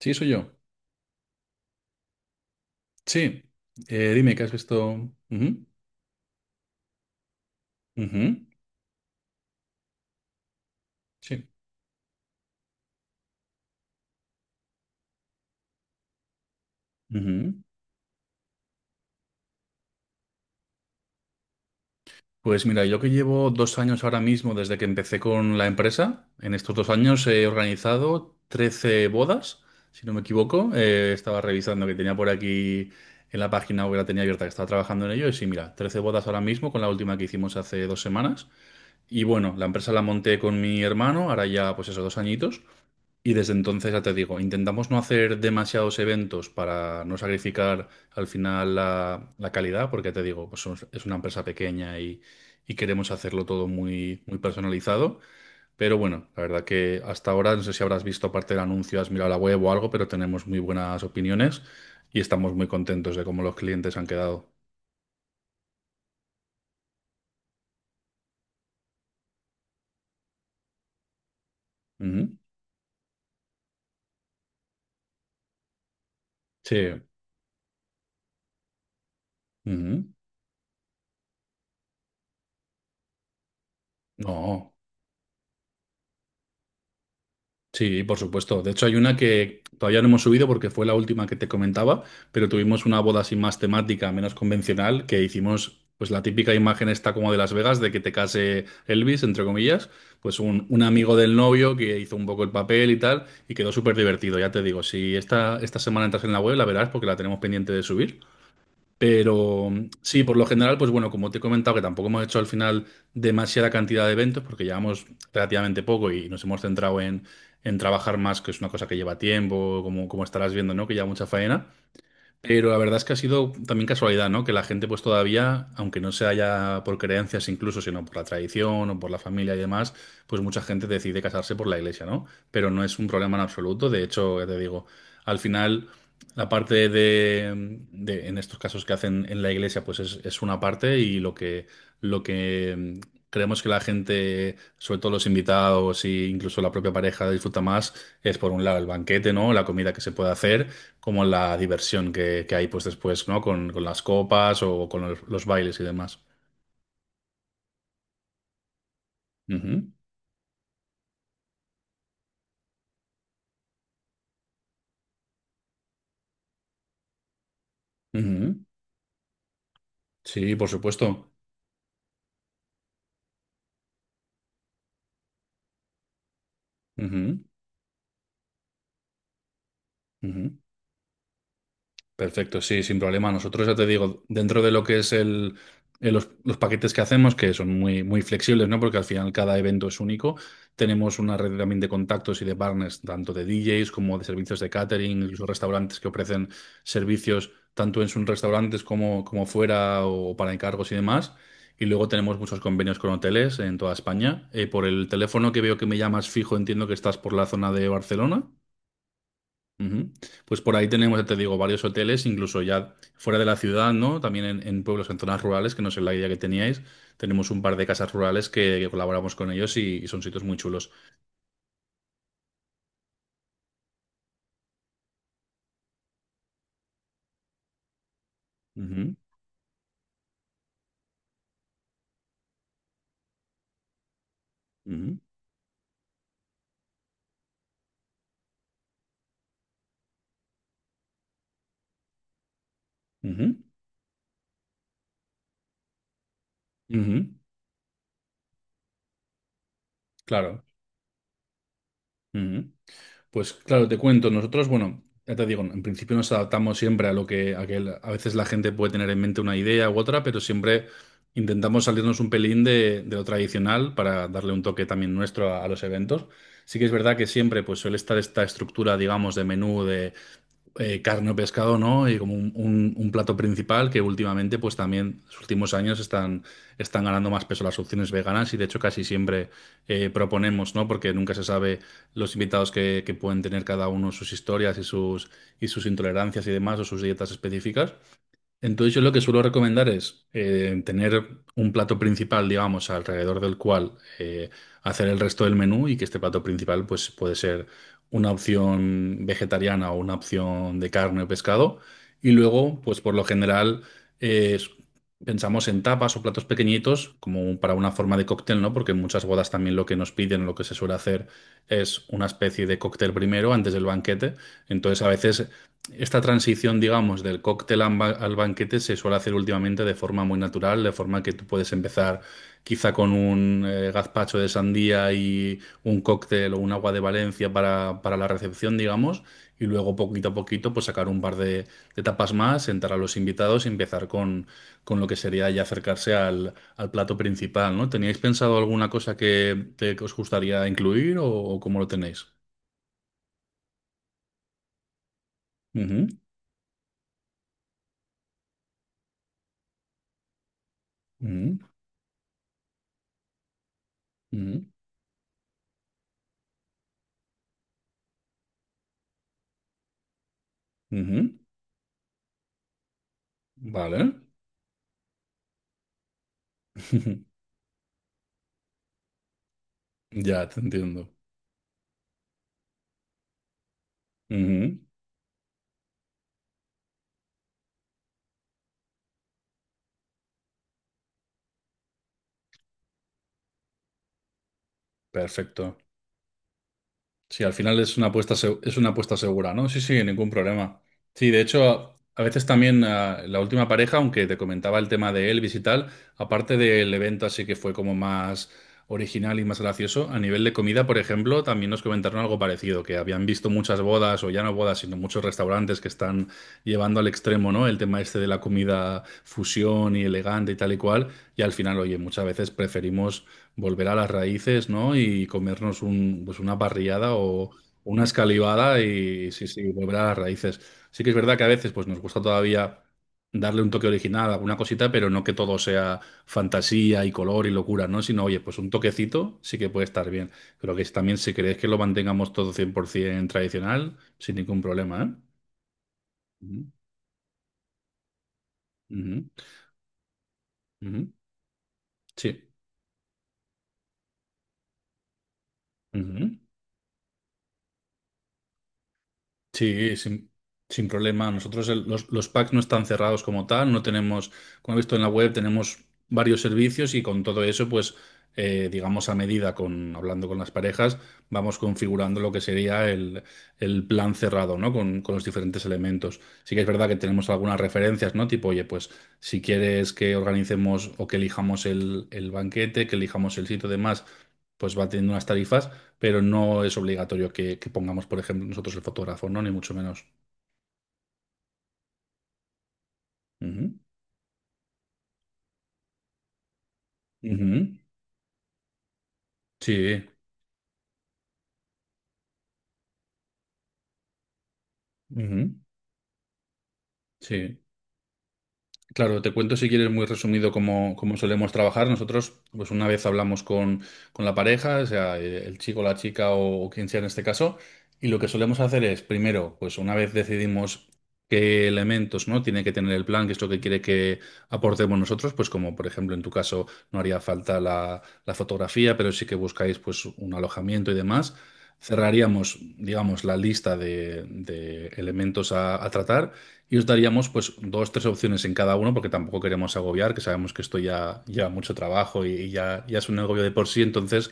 Sí, soy yo. Sí. Dime, ¿qué has visto? Ujú, ujú. Sí. Ujú. Pues mira, yo que llevo 2 años ahora mismo desde que empecé con la empresa, en estos 2 años he organizado 13 bodas, si no me equivoco. Estaba revisando que tenía por aquí en la página web, la tenía abierta, que estaba trabajando en ello. Y sí, mira, 13 bodas ahora mismo con la última que hicimos hace 2 semanas. Y bueno, la empresa la monté con mi hermano, ahora ya pues esos 2 añitos. Y desde entonces, ya te digo, intentamos no hacer demasiados eventos para no sacrificar al final la calidad, porque ya te digo, pues somos- es una empresa pequeña y queremos hacerlo todo muy, muy personalizado. Pero bueno, la verdad que hasta ahora, no sé si habrás visto aparte del anuncio, has mirado la web o algo, pero tenemos muy buenas opiniones y estamos muy contentos de cómo los clientes han quedado. Ujú. Sí. Ujú. No. Sí, por supuesto. De hecho, hay una que todavía no hemos subido porque fue la última que te comentaba, pero tuvimos una boda así más temática, menos convencional, que hicimos pues la típica imagen esta como de Las Vegas, de que te case Elvis, entre comillas, pues un amigo del novio que hizo un poco el papel y tal, y quedó súper divertido, ya te digo, si esta semana entras en la web, la verás porque la tenemos pendiente de subir. Pero sí, por lo general, pues bueno, como te he comentado, que tampoco hemos hecho al final demasiada cantidad de eventos, porque llevamos relativamente poco y nos hemos centrado en trabajar más, que es una cosa que lleva tiempo, como, como estarás viendo, ¿no? Que lleva mucha faena. Pero la verdad es que ha sido también casualidad, ¿no? Que la gente pues todavía, aunque no sea ya por creencias incluso, sino por la tradición o por la familia y demás, pues mucha gente decide casarse por la iglesia, ¿no? Pero no es un problema en absoluto. De hecho, ya te digo, al final la parte de- en estos casos que hacen en la iglesia, pues es una parte y lo que, lo que creemos que la gente, sobre todo los invitados e incluso la propia pareja disfruta más, es por un lado el banquete, ¿no? La comida que se puede hacer como la diversión que hay pues después, ¿no? Con las copas o con los bailes y demás. Ujú, ujú. Sí, por supuesto. Ujú, ujú. Perfecto, sí, sin problema. Nosotros ya te digo, dentro de lo que es el- los paquetes que hacemos, que son muy, muy flexibles, ¿no? Porque al final cada evento es único, tenemos una red también de contactos y de partners, tanto de DJs como de servicios de catering, incluso restaurantes que ofrecen servicios tanto en sus restaurantes como, como fuera o para encargos y demás. Y luego tenemos muchos convenios con hoteles en toda España. Por el teléfono que veo que me llamas fijo, entiendo que estás por la zona de Barcelona. Ujú. Pues por ahí tenemos, ya te digo, varios hoteles, incluso ya fuera de la ciudad, ¿no? También en pueblos, en zonas rurales, que no sé la idea que teníais. Tenemos un par de casas rurales que colaboramos con ellos y son sitios muy chulos. Ujú, ujú, ujú, ujú. Claro. Ujú. Pues claro, te cuento, nosotros, bueno, ya te digo, en principio nos adaptamos siempre a lo que, a que el- a veces la gente puede tener en mente una idea u otra, pero siempre intentamos salirnos un pelín de lo tradicional para darle un toque también nuestro a los eventos. Sí que es verdad que siempre pues suele estar esta estructura, digamos, de menú carne o pescado, ¿no? Y como un plato principal que últimamente, pues también, los últimos años están, están ganando más peso las opciones veganas y de hecho casi siempre proponemos, ¿no? Porque nunca se sabe los invitados que pueden tener cada uno sus historias y sus intolerancias y demás o sus dietas específicas. Entonces yo lo que suelo recomendar es tener un plato principal, digamos, alrededor del cual eh, hacer el resto del menú y que este plato principal pues puede ser una opción vegetariana o una opción de carne o pescado. Y luego, pues por lo general eh, s- pensamos en tapas o platos pequeñitos como para una forma de cóctel, ¿no? Porque en muchas bodas también lo que nos piden, lo que se suele hacer es una especie de cóctel primero antes del banquete. Entonces a veces esta transición, digamos, del cóctel al banquete se suele hacer últimamente de forma muy natural, de forma que tú puedes empezar quizá con un gazpacho de sandía y un cóctel o un agua de Valencia para la recepción, digamos, y luego poquito a poquito pues sacar un par de tapas más, sentar a los invitados y empezar con lo que sería ya acercarse al, al plato principal, ¿no? ¿Teníais pensado alguna cosa que os gustaría incluir o cómo lo tenéis? Ujú, ujú, ujú, ujú. Vale. Ya te entiendo. Ujú. Perfecto. Sí, al final es una apuesta, es una apuesta segura, ¿no? Sí, sí, ningún problema. Sí, de hecho, a veces también la última pareja, aunque te comentaba el tema de Elvis y tal, aparte del evento así que fue como más original y más gracioso, a nivel de comida, por ejemplo, también nos comentaron algo parecido, que habían visto muchas bodas, o ya no bodas, sino muchos restaurantes que están llevando al extremo, ¿no? El tema este de la comida fusión y elegante y tal y cual, y al final, oye, muchas veces preferimos volver a las raíces, ¿no? Y comernos un, pues una parrillada o una escalivada y sí, sí, volver a las raíces. Sí que es verdad que a veces pues nos gusta todavía darle un toque original a alguna cosita, pero no que todo sea fantasía y color y locura, ¿no? Sino, oye, pues un toquecito sí que puede estar bien. Pero que también si queréis que lo mantengamos todo 100% tradicional, sin ningún problema, ¿eh? Ujú, ujú, ujú. Sí. Ujú. Sí, sin problema. Nosotros el- los packs no están cerrados como tal, no tenemos, como he visto en la web, tenemos varios servicios y con todo eso, pues, digamos a medida, con, hablando con las parejas, vamos configurando lo que sería el plan cerrado, ¿no? Con los diferentes elementos. Sí que es verdad que tenemos algunas referencias, ¿no? Tipo, oye, pues si quieres que organicemos o que elijamos el banquete, que elijamos el sitio y demás, pues va teniendo unas tarifas pero no es obligatorio que pongamos, por ejemplo, nosotros el fotógrafo, ¿no? Ni mucho menos. Ujú, ujú. Sí, ujú, sí. Claro, te cuento si quieres muy resumido cómo, cómo solemos trabajar. Nosotros, pues una vez hablamos con la pareja, o sea, el chico, la chica o quien sea en este caso, y lo que solemos hacer es, primero, pues una vez decidimos qué elementos, ¿no? Tiene que tener el plan, qué es lo que quiere que aportemos nosotros, pues como por ejemplo en tu caso no haría falta la fotografía, pero sí que buscáis pues un alojamiento y demás. Cerraríamos, digamos, la lista de elementos a tratar. Y os daríamos pues 2, 3 opciones en cada uno, porque tampoco queremos agobiar, que sabemos que esto ya lleva mucho trabajo y, y ya es un agobio de por sí. Entonces,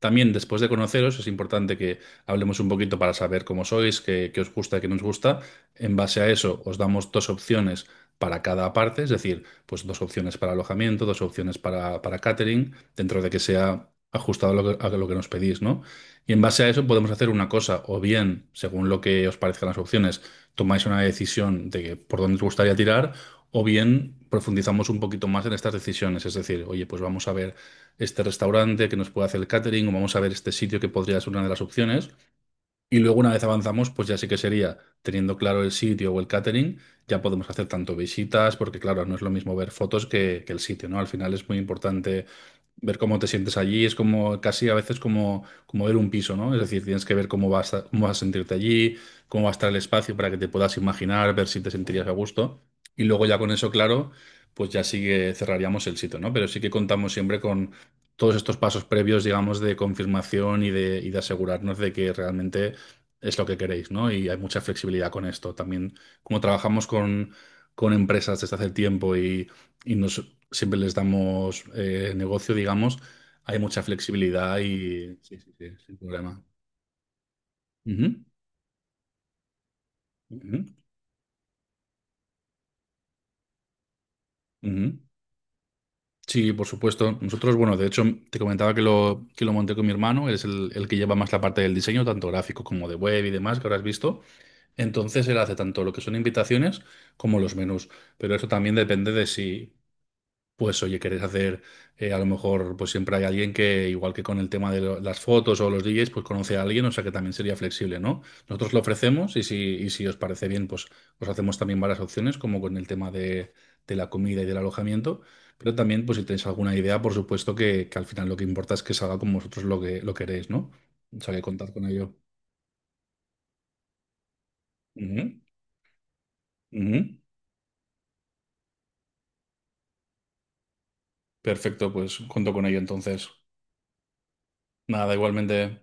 también después de conoceros, es importante que hablemos un poquito para saber cómo sois, qué, qué os gusta, qué no os gusta. En base a eso, os damos 2 opciones para cada parte, es decir, pues dos opciones para alojamiento, 2 opciones para catering, dentro de que sea ajustado a lo que nos pedís, ¿no? Y en base a eso podemos hacer una cosa, o bien, según lo que os parezcan las opciones, tomáis una decisión de por dónde os gustaría tirar, o bien profundizamos un poquito más en estas decisiones. Es decir, oye, pues vamos a ver este restaurante que nos puede hacer el catering, o vamos a ver este sitio que podría ser una de las opciones, y luego una vez avanzamos, pues ya sí que sería, teniendo claro el sitio o el catering, ya podemos hacer tanto visitas, porque claro, no es lo mismo ver fotos que el sitio, ¿no? Al final es muy importante ver cómo te sientes allí, es como casi a veces como, como ver un piso, ¿no? Es decir, tienes que ver cómo vas a sentirte allí, cómo va a estar el espacio para que te puedas imaginar, ver si te sentirías a gusto. Y luego ya con eso, claro, pues ya sí que cerraríamos el sitio, ¿no? Pero sí que contamos siempre con todos estos pasos previos, digamos, de confirmación y de asegurarnos de que realmente es lo que queréis, ¿no? Y hay mucha flexibilidad con esto. También, como trabajamos con empresas desde hace tiempo y nos, siempre les damos negocio, digamos, hay mucha flexibilidad y sí, sí, sí, sin problema. Ujú, ujú, ujú. Sí, por supuesto. Nosotros, bueno, de hecho, te comentaba que lo monté con mi hermano, él es el que lleva más la parte del diseño, tanto gráfico como de web y demás, que ahora has visto. Entonces, él hace tanto lo que son invitaciones como los menús. Pero eso también depende de si pues oye, querés hacer, a lo mejor, pues siempre hay alguien que, igual que con el tema de lo- las fotos o los DJs, pues conoce a alguien, o sea que también sería flexible, ¿no? Nosotros lo ofrecemos y si os parece bien, pues os hacemos también varias opciones, como con el tema de la comida y del alojamiento, pero también, pues si tenéis alguna idea, por supuesto que al final lo que importa es que salga como vosotros lo que lo queréis, ¿no? O sea que contad con ello. Ujú, ujú. Perfecto, pues cuento con ello entonces. Nada, igualmente.